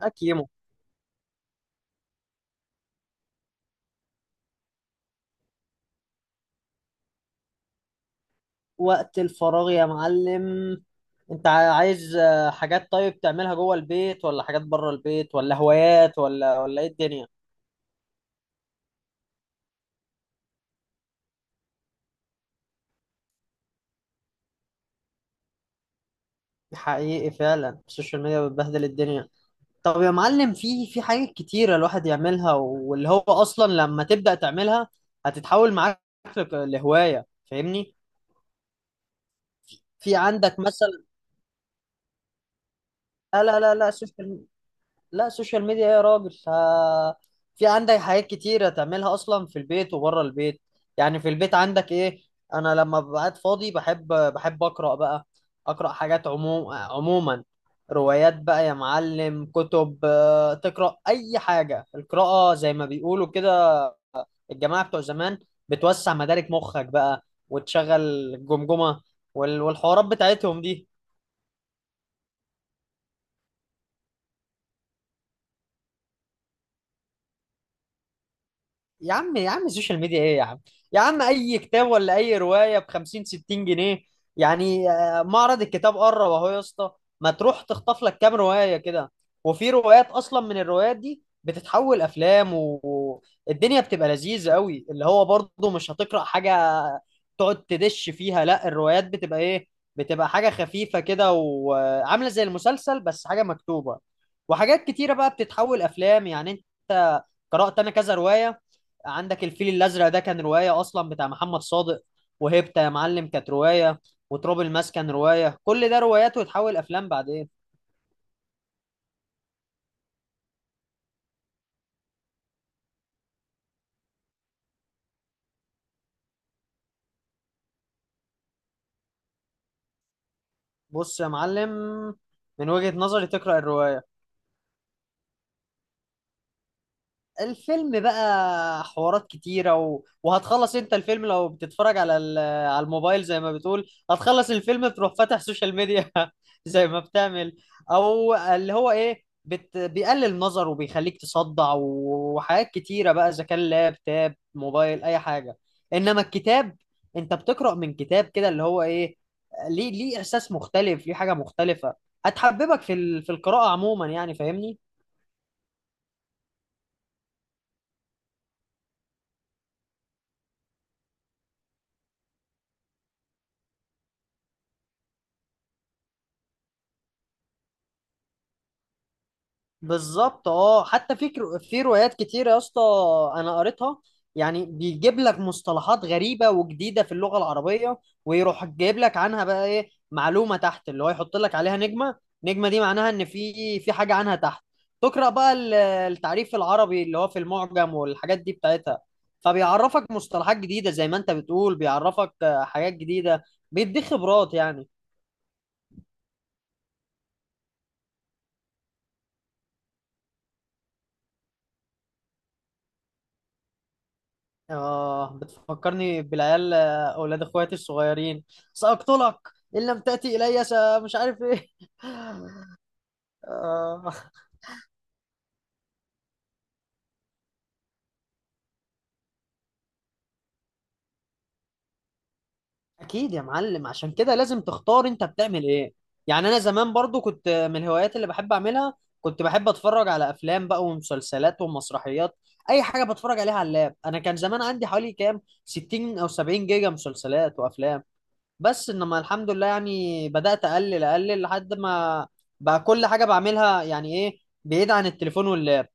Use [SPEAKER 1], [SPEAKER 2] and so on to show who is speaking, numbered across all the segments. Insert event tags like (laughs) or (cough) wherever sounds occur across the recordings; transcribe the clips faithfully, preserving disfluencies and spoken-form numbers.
[SPEAKER 1] اكيمو. وقت الفراغ يا معلم. انت ع- عايز، آه، حاجات طيب تعملها جوه البيت، ولا حاجات بره البيت، ولا هوايات، ولا ولا ايه الدنيا؟ حقيقي فعلا، السوشيال ميديا بتبهدل الدنيا. طب يا معلم، في في حاجات كتيرة الواحد يعملها، واللي هو اصلا لما تبدأ تعملها هتتحول معاك لك- لهواية، فاهمني؟ في عندك مثلا. لا لا لا لا سوشيال، لا السوشيال ميديا يا راجل. ها- في عندك حاجات كتيرة تعملها أصلا في البيت وبره البيت. يعني في البيت عندك إيه؟ أنا لما ببقى قاعد فاضي بحب بحب أقرأ بقى، أقرأ حاجات عموم عموما، روايات بقى يا معلم، كتب، آه، تقرأ أي حاجة. القراءة زي ما بيقولوا كده الجماعة بتوع زمان، بتوسع مدارك مخك بقى، وتشغل الجمجمة، وال- والحوارات بتاعتهم دي. يا عم يا عم السوشيال ميديا ايه يا عم؟ يا عم، اي كتاب ولا اي روايه ب خمسين ستين جنيه يعني. آه، معرض الكتاب قرب اهو يا اسطى، ما تروح تخطف لك كام روايه كده. وفي روايات اصلا من الروايات دي بتتحول افلام، والدنيا بتبقى لذيذه قوي، اللي هو برضه مش هتقرا حاجه تقعد تدش فيها. لا الروايات بتبقى ايه، بتبقى حاجه خفيفه كده، وعامله زي المسلسل بس حاجه مكتوبه، وحاجات كتيره بقى بتتحول افلام يعني. انت، قرات انا كذا روايه. عندك الفيل الازرق ده كان روايه اصلا بتاع محمد صادق، وهيبتا يا معلم كانت روايه، وتراب الماس كان روايه، كل ده روايات وتحول افلام بعدين. بص يا معلم، من وجهه نظري تقرا الروايه. الفيلم بقى حوارات كتيرة، و... وهتخلص انت الفيلم لو بتتفرج على ال... على الموبايل زي ما بتقول، هتخلص الفيلم تروح فاتح سوشيال ميديا (laughs) زي ما بتعمل. او اللي هو ايه، بت... بيقلل النظر، وبيخليك تصدع، و- وحاجات كتيرة بقى، اذا كان لاب تاب موبايل اي حاجة. انما الكتاب، انت بتقرأ من كتاب كده اللي هو ايه، ليه، ليه احساس مختلف، ليه حاجة مختلفة، هتحببك في ال... في القراءة عموما يعني، فاهمني؟ بالظبط. اه حتى في كرو- في روايات كتير يا اسطى انا قريتها، يعني بيجيب لك مصطلحات غريبه وجديده في اللغه العربيه، ويروح جايب لك عنها بقى ايه، معلومه تحت اللي هو يحط لك عليها نجمه. نجمه دي معناها ان في في حاجه عنها تحت، تقرا بقى ال- التعريف العربي اللي هو في المعجم والحاجات دي بتاعتها. فبيعرفك مصطلحات جديده، زي ما انت بتقول بيعرفك آه، حاجات جديده، بيديك خبرات يعني. آه بتفكرني بالعيال، آه، أولاد إخواتي الصغيرين. سأقتلك إن لم تأتي إلي سا- مش عارف إيه. (laughs) آه. أكيد يا معلم، عشان كده لازم تختار أنت بتعمل إيه. يعني أنا زمان برضو كنت من الهوايات اللي بحب أعملها، كنت بحب أتفرج على أفلام بقى ومسلسلات ومسرحيات، أي حاجة بتفرج عليها على اللاب. أنا كان زمان عندي حوالي كام ستين أو سبعين جيجا مسلسلات وأفلام، بس انما الحمد لله يعني، بدأت اقلل اقلل لحد ما بقى كل حاجة بعملها يعني ايه، بعيد عن التليفون واللاب.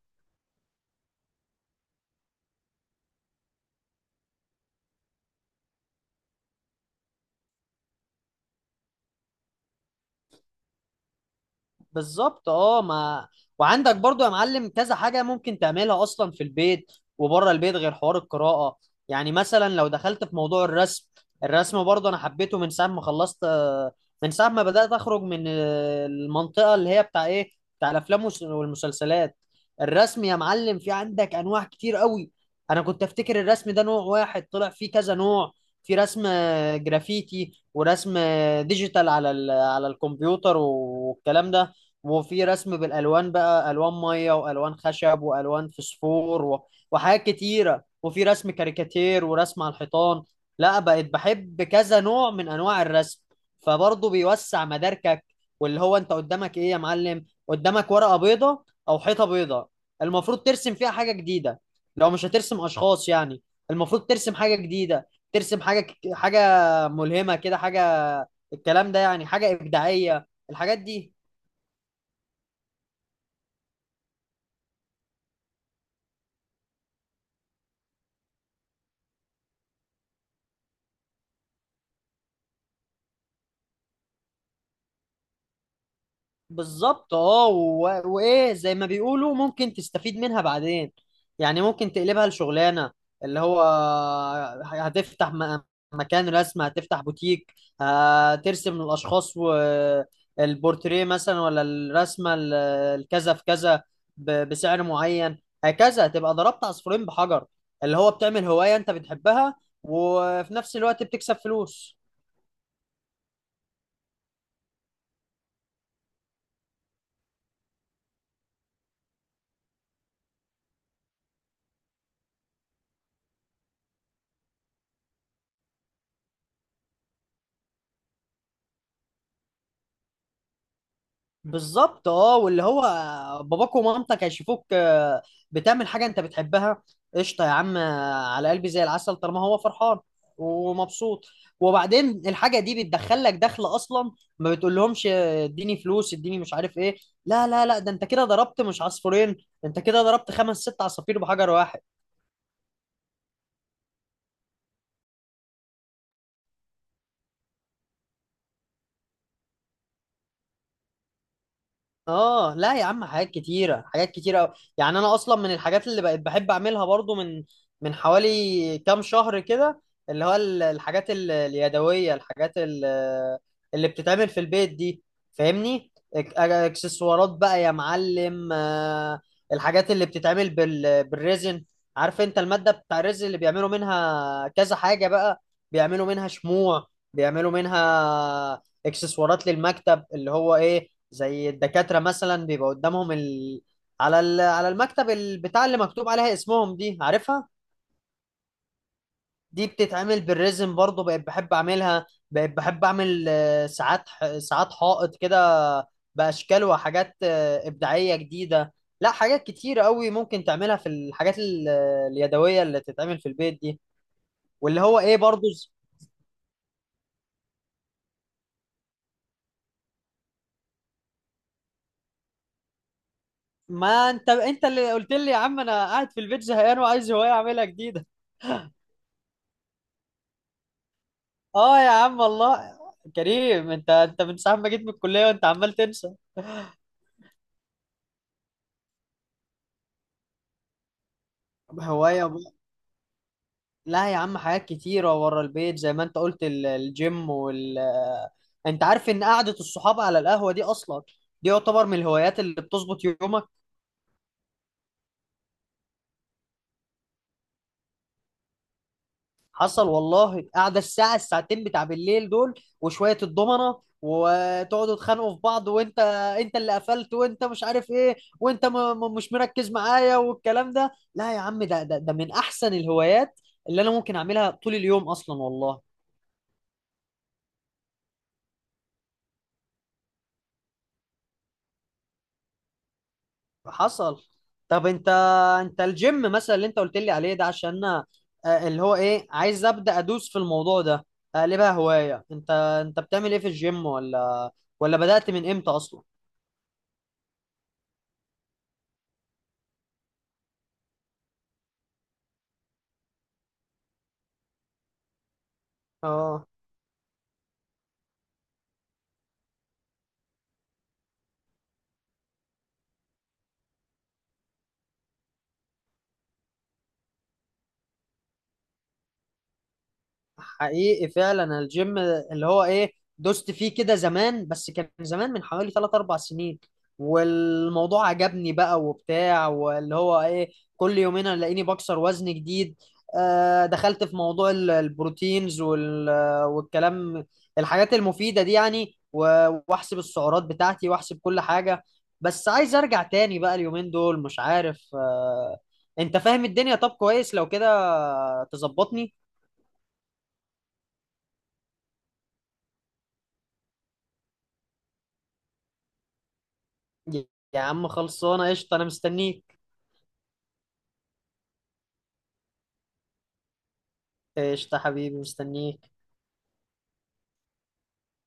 [SPEAKER 1] بالظبط. اه ما، وعندك برضو يا معلم كذا حاجة ممكن تعملها أصلا في البيت وبره البيت غير حوار القراءة. يعني مثلا لو دخلت في موضوع الرسم، الرسم برضو أنا حبيته من ساعة ما خلصت، آه، من ساعة ما بدأت أخرج من، آه، المنطقة اللي هي بتاع إيه، بتاع الأفلام، والس- والمسلسلات. الرسم يا معلم في عندك أنواع كتير قوي، أنا كنت أفتكر الرسم ده نوع واحد، طلع فيه كذا نوع. في رسم آه، جرافيتي، ورسم آه، ديجيتال على ال- على الكمبيوتر والكلام ده، وفي رسم بالالوان بقى، الوان ميه والوان خشب والوان فسفور و... وحاجات كتيره، وفي رسم كاريكاتير ورسم على الحيطان. لا بقيت بحب كذا نوع من انواع الرسم، فبرضه بيوسع مداركك. واللي هو انت قدامك ايه يا معلم، قدامك ورقه بيضه او حيطه بيضه، المفروض ترسم فيها حاجه جديده، لو مش هترسم اشخاص يعني. المفروض ترسم حاجه جديده، ترسم حاجه ك- حاجه ملهمه كده، حاجه الكلام ده يعني، حاجه ابداعيه الحاجات دي. بالظبط. اه و- وايه زي ما بيقولوا ممكن تستفيد منها بعدين، يعني ممكن تقلبها لشغلانه، اللي هو هتفتح م- مكان رسم، هتفتح بوتيك، هترسم الاشخاص والبورتريه مثلا، ولا الرسمه ال- الكذا في كذا، ب- بسعر معين هكذا، تبقى ضربت عصفورين بحجر. اللي هو بتعمل هوايه انت بتحبها، وفي نفس الوقت بتكسب فلوس. بالظبط. اه واللي هو باباك ومامتك هيشوفوك، آه، بتعمل حاجه انت بتحبها، قشطه يا عم. آه، على قلبي زي العسل طالما هو فرحان ومبسوط. وبعدين الحاجه دي بتدخل لك دخل اصلا، ما بتقولهمش آه، اديني فلوس، اديني مش عارف ايه. لا لا لا، ده انت كده ضربت مش عصفورين، انت كده ضربت خمس ست عصافير بحجر واحد. اه لا يا عم، حاجات كتيرة حاجات كتيرة أوي. يعني انا اصلا من الحاجات اللي بقيت بحب اعملها برضو، من من حوالي كام شهر كده، اللي هو ال- الحاجات ال- اليدوية، الحاجات ال- اللي بتتعمل في البيت دي، فاهمني؟ إك- اكسسوارات بقى يا معلم. آه، الحاجات اللي بتتعمل بال- بالريزن. عارف انت المادة بتاع الريزن اللي بيعملوا منها كذا حاجة بقى، بيعملوا منها شموع، بيعملوا منها اكسسوارات للمكتب اللي هو ايه، زي الدكاترة مثلا بيبقى قدامهم ال... على ال... على المكتب ال... بتاع اللي مكتوب عليها اسمهم دي، عارفها؟ دي بتتعمل بالريزم برضو، بقيت بحب اعملها، بقيت بحب اعمل آه، ساعات ح- ساعات حائط كده، باشكال وحاجات آه، ابداعية جديدة. لا حاجات كتير قوي ممكن تعملها في الحاجات ال... اليدوية اللي تتعمل في البيت دي. واللي هو ايه برضو، ما انت انت اللي قلت لي يا عم انا قاعد في البيت زهقان وعايز هواية اعملها جديدة. اه يا عم والله، كريم انت انت من ساعة ما جيت من الكلية وانت عمال تنسى. هواية بقى. لا يا عم، حاجات كتيرة ورا البيت زي ما انت قلت، ال- الجيم وال انت عارف ان قعدة الصحاب على القهوة دي اصلا، دي يعتبر من الهوايات اللي بتظبط يومك. حصل والله، قاعده الساعه الساعتين بتاع بالليل دول، وشويه الضمنه، وتقعدوا تخانقوا في بعض وانت انت اللي قفلت وانت مش عارف ايه وانت م... م... مش مركز معايا والكلام ده. لا يا عم، ده ده ده من احسن الهوايات اللي انا ممكن اعملها طول اليوم اصلا والله. حصل. طب انت انت الجيم مثلا اللي انت قلت لي عليه ده، عشان انا، آه، اللي هو ايه عايز ابدا ادوس في الموضوع ده، اقلبها هوايه. انت انت بتعمل ايه في الجيم، ولا ولا بدات من امتى اصلا؟ اه حقيقي فعلا، الجيم اللي هو ايه دوست فيه كده زمان، بس كان زمان من حوالي ثلاث أربعة سنين، والموضوع عجبني بقى وبتاع، واللي هو ايه كل يومين الاقيني بكسر وزن جديد. آه دخلت في موضوع ال- البروتينز وال- والكلام الحاجات المفيدة دي يعني، و- واحسب السعرات بتاعتي واحسب كل حاجة. بس عايز ارجع تاني بقى اليومين دول، مش عارف. آه انت فاهم الدنيا، طب كويس لو كده تظبطني. يا عم خلصانة قشطة، أنا مستنيك. قشطة حبيبي، مستنيك.